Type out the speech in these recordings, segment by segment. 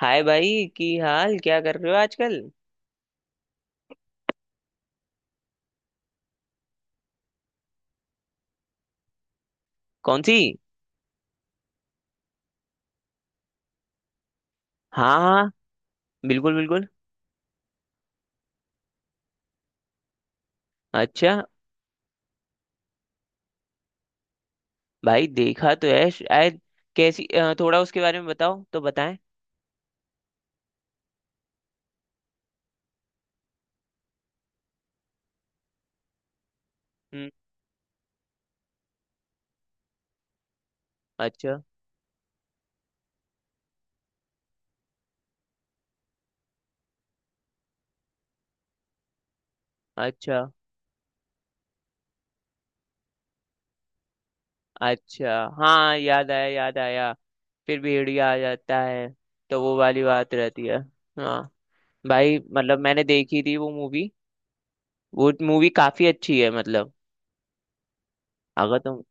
हाय भाई की हाल क्या कर रहे हो आजकल। कौन सी? हाँ हाँ, बिल्कुल बिल्कुल। अच्छा, भाई देखा तो है शायद। कैसी थोड़ा उसके बारे में बताओ तो बताएं। हम्म। अच्छा। अच्छा। अच्छा, हाँ याद आया याद आया। फिर भेड़िया आ जाता है तो वो वाली बात रहती है। हाँ भाई, मतलब मैंने देखी थी वो मूवी। वो मूवी काफी अच्छी है मतलब। अगर तुम,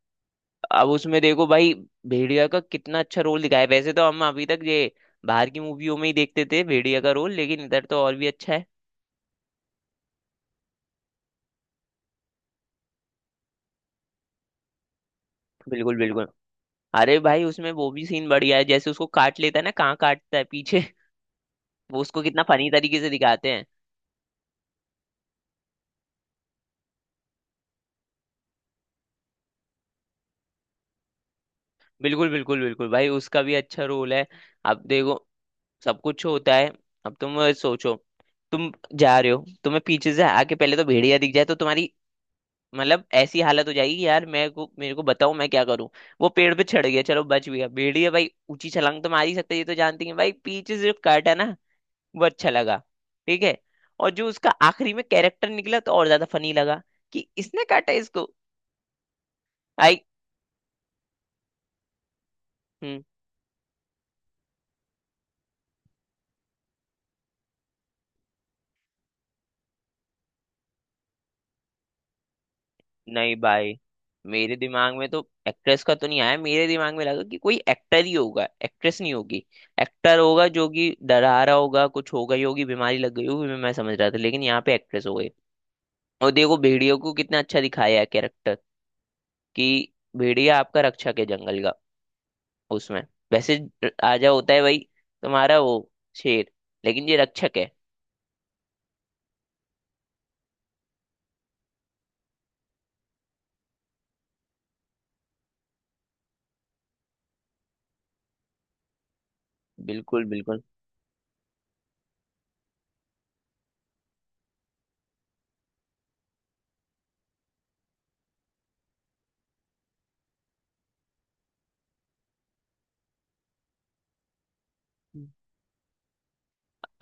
अब उसमें देखो भाई, भेड़िया का कितना अच्छा रोल दिखाया है। वैसे तो हम अभी तक ये बाहर की मूवियों में ही देखते थे भेड़िया का रोल, लेकिन इधर तो और भी अच्छा है। बिल्कुल बिल्कुल। अरे भाई उसमें वो भी सीन बढ़िया है, जैसे उसको काट लेता है ना, कहाँ काटता है पीछे। वो उसको कितना फनी तरीके से दिखाते हैं। बिल्कुल बिल्कुल बिल्कुल भाई, उसका भी अच्छा रोल है। अब देखो, सब कुछ होता है। अब तुम सोचो, तुम जा रहे हो, तुम्हें पीछे से आके पहले तो भेड़िया दिख जाए तो तुम्हारी, मतलब ऐसी हालत हो जाएगी कि यार मेरे को बताओ मैं क्या करूं। वो पेड़ पे चढ़ गया, चलो बच गया। भेड़िया भाई ऊंची छलांग तो मार ही सकते, ये तो जानती है भाई। पीछे से जो कट है ना, वो अच्छा लगा। ठीक है। और जो उसका आखिरी में कैरेक्टर निकला तो और ज्यादा फनी लगा कि इसने काटा इसको। आई। हम्म। नहीं भाई, मेरे दिमाग में तो एक्ट्रेस का तो नहीं आया, मेरे दिमाग में लगा कि कोई एक्टर ही होगा, एक्ट्रेस नहीं होगी। एक्टर होगा जो कि डरा रहा होगा, कुछ हो गई होगी बीमारी लग गई होगी मैं समझ रहा था, लेकिन यहाँ पे एक्ट्रेस हो गई। और देखो भेड़ियों को कितना अच्छा दिखाया है कैरेक्टर, कि भेड़िया आपका रक्षक है जंगल का। उसमें वैसे राजा होता है भाई तुम्हारा वो, शेर, लेकिन ये रक्षक है। बिल्कुल बिल्कुल।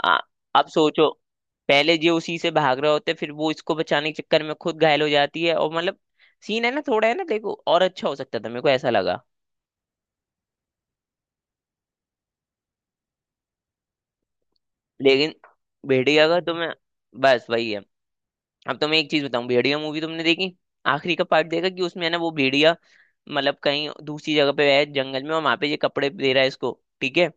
आ, अब सोचो, पहले ये उसी से भाग रहे होते, फिर वो इसको बचाने के चक्कर में खुद घायल हो जाती है और मतलब सीन है ना, थोड़ा है ना, देखो और अच्छा हो सकता था मेरे को ऐसा लगा। लेकिन भेड़िया का तुम्हें, बस वही है। अब तो मैं एक चीज बताऊं, भेड़िया मूवी तुमने देखी, आखिरी का पार्ट देखा कि उसमें है ना वो भेड़िया, मतलब कहीं दूसरी जगह पे है जंगल में, और वहां पे ये कपड़े दे रहा है इसको। ठीक है।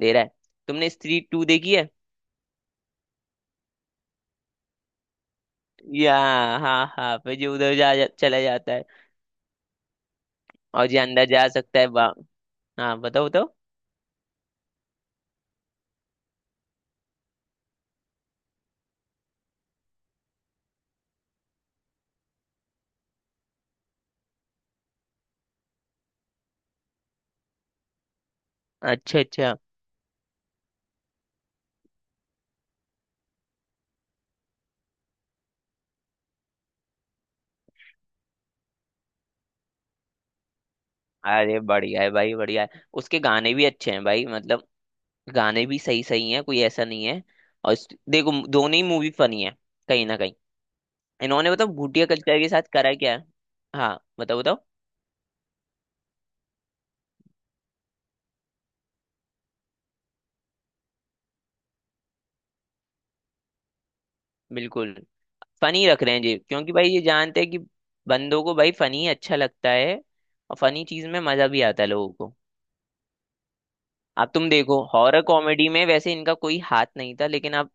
दे रहा है। तुमने स्त्री टू देखी है? या, हाँ हाँ, फिर जो उधर जा चला जाता है। और जो अंदर जा सकता है, वाह। हाँ बताओ बताओ। अच्छा अच्छा। अरे बढ़िया है भाई, बढ़िया है। उसके गाने भी अच्छे हैं भाई, मतलब गाने भी सही सही हैं, कोई ऐसा नहीं है। और देखो दोनों ही मूवी फनी है, कहीं ना कहीं। इन्होंने बताओ भूटिया कल्चर के साथ करा क्या है। हाँ बताओ बताओ। बिल्कुल, फनी रख रहे हैं जी, क्योंकि भाई ये जानते हैं कि बंदों को भाई फनी अच्छा लगता है। और फनी चीज में मजा भी आता है लोगों को। अब तुम देखो, हॉरर कॉमेडी में वैसे इनका कोई हाथ नहीं था, लेकिन अब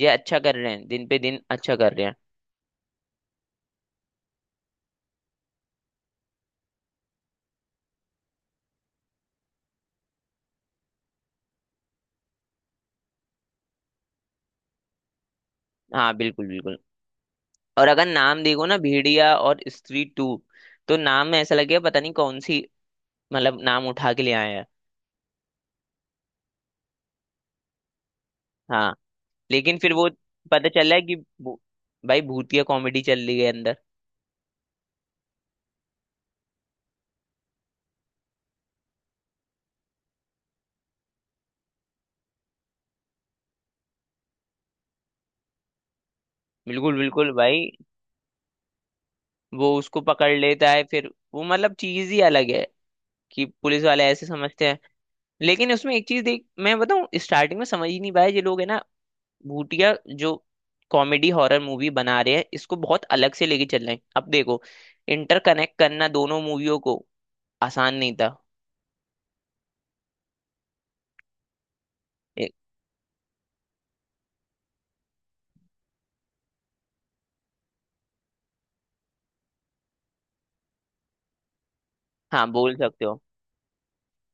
ये अच्छा कर रहे हैं, दिन पे दिन अच्छा कर रहे हैं। हाँ बिल्कुल बिल्कुल। और अगर नाम देखो ना, भेड़िया और स्त्री टू, तो नाम में ऐसा लगेगा पता नहीं कौन सी, मतलब नाम उठा के ले आए हैं। हाँ लेकिन फिर वो पता चल रहा है कि वो- भाई भूतिया कॉमेडी चल रही है अंदर। बिल्कुल बिल्कुल भाई। वो उसको पकड़ लेता है फिर वो, मतलब चीज ही अलग है, कि पुलिस वाले ऐसे समझते हैं। लेकिन उसमें एक चीज देख मैं बताऊं, स्टार्टिंग में समझ ही नहीं पाया ये लोग है ना, भूतिया जो कॉमेडी हॉरर मूवी बना रहे हैं, इसको बहुत अलग से लेके चल रहे हैं। अब देखो, इंटरकनेक्ट करना दोनों मूवियों को आसान नहीं था। ए-, हाँ बोल सकते हो।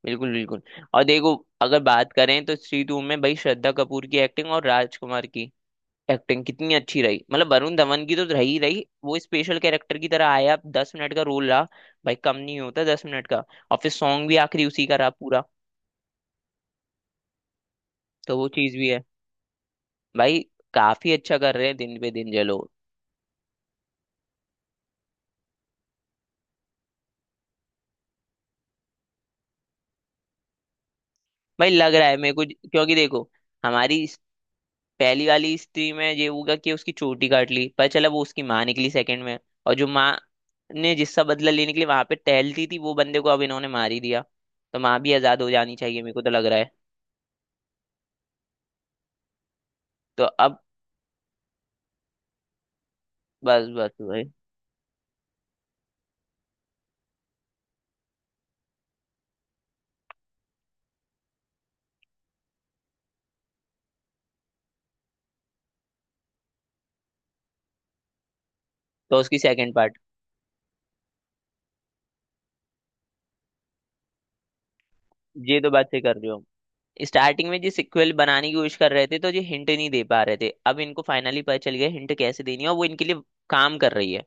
बिल्कुल बिल्कुल। और देखो, अगर बात करें तो श्री टू में भाई श्रद्धा कपूर की एक्टिंग और राजकुमार की एक्टिंग कितनी अच्छी रही, मतलब वरुण धवन की तो रही रही वो, स्पेशल कैरेक्टर की तरह आया, 10 मिनट का रोल रहा। भाई कम नहीं होता 10 मिनट का। और फिर सॉन्ग भी आखिरी उसी का रहा पूरा, तो वो चीज भी है भाई। काफी अच्छा कर रहे हैं दिन पे दिन ये लोग। भाई लग रहा है मेरे को, क्योंकि देखो हमारी पहली वाली स्त्री में ये होगा कि उसकी चोटी काट ली, पता चला वो उसकी माँ निकली सेकंड में। और जो माँ ने जिसका बदला लेने के लिए वहां पे टहलती थी, वो बंदे को अब इन्होंने मार ही दिया, तो माँ भी आजाद हो जानी चाहिए मेरे को तो लग रहा है। तो अब, बस बस भाई, तो उसकी सेकंड पार्ट। ये तो बात सही कर रहे हो। स्टार्टिंग में जो सिक्वल बनाने की कोशिश कर रहे थे तो ये हिंट नहीं दे पा रहे थे, अब इनको फाइनली पता चल गया हिंट कैसे देनी है और वो इनके लिए काम कर रही है।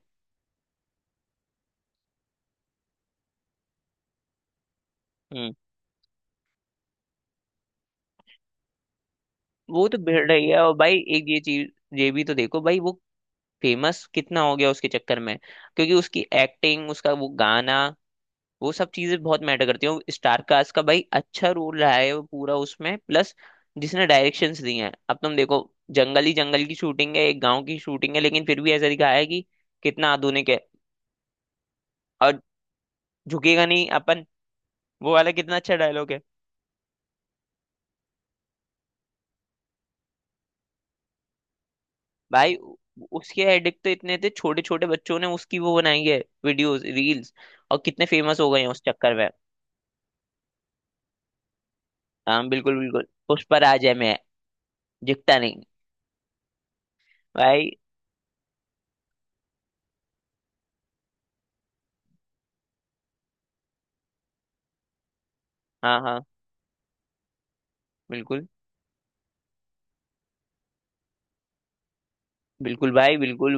हम्म। वो तो भिड़ रही है। और भाई एक ये चीज, ये भी तो देखो भाई, वो फेमस कितना हो गया उसके चक्कर में, क्योंकि उसकी एक्टिंग, उसका वो गाना, वो सब चीजें बहुत मैटर करती हैं। स्टार कास्ट का भाई अच्छा रोल रहा है वो पूरा उसमें। प्लस जिसने डायरेक्शंस दी हैं, अब तुम देखो, जंगल ही जंगल की शूटिंग है, एक गांव की शूटिंग है, लेकिन फिर भी ऐसा दिखाया है कि कितना आधुनिक है। और झुकेगा नहीं अपन, वो वाला कितना अच्छा डायलॉग है भाई। उसके एडिक्ट तो इतने थे, छोटे छोटे बच्चों ने उसकी वो बनाई है, वीडियोस रील्स, और कितने फेमस हो गए हैं उस चक्कर में। हाँ बिल्कुल बिल्कुल। उस पर आ जाए, दिखता नहीं। भाई, हाँ हाँ। बिल्कुल बिल्कुल भाई, बिल्कुल।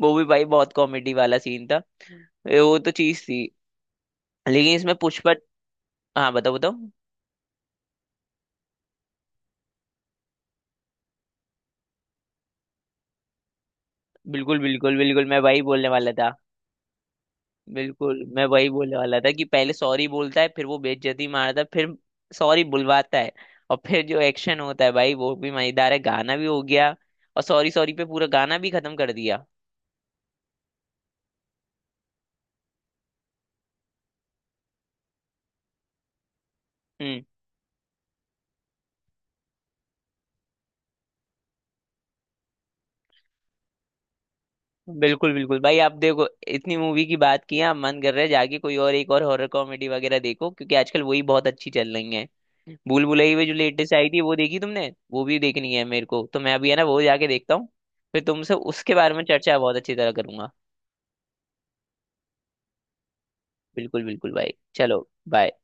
वो भी भाई बहुत कॉमेडी वाला सीन था। वो तो चीज थी, लेकिन इसमें पुष्पा, हाँ बताओ बताओ। बिल्कुल बिल्कुल बिल्कुल, मैं वही बोलने वाला था। बिल्कुल मैं वही बोलने वाला था, कि पहले सॉरी बोलता है, फिर वो बेइज्जती मारता है, फिर सॉरी बुलवाता है। और फिर जो एक्शन होता है भाई, वो भी मजेदार है, गाना भी हो गया, और सॉरी सॉरी पे पूरा गाना भी खत्म कर दिया। हम्म। बिल्कुल बिल्कुल भाई। आप देखो इतनी मूवी की बात की है आप, मन कर रहा है जाके कोई और, एक और हॉरर कॉमेडी वगैरह देखो, क्योंकि आजकल वही बहुत अच्छी चल रही है। भूल भुलैया भी जो लेटेस्ट आई थी वो देखी तुमने, वो भी देखनी है मेरे को, तो मैं अभी है ना वो जाके देखता हूँ, फिर तुमसे उसके बारे में चर्चा बहुत अच्छी तरह करूंगा। बिल्कुल बिल्कुल भाई, चलो, बाय।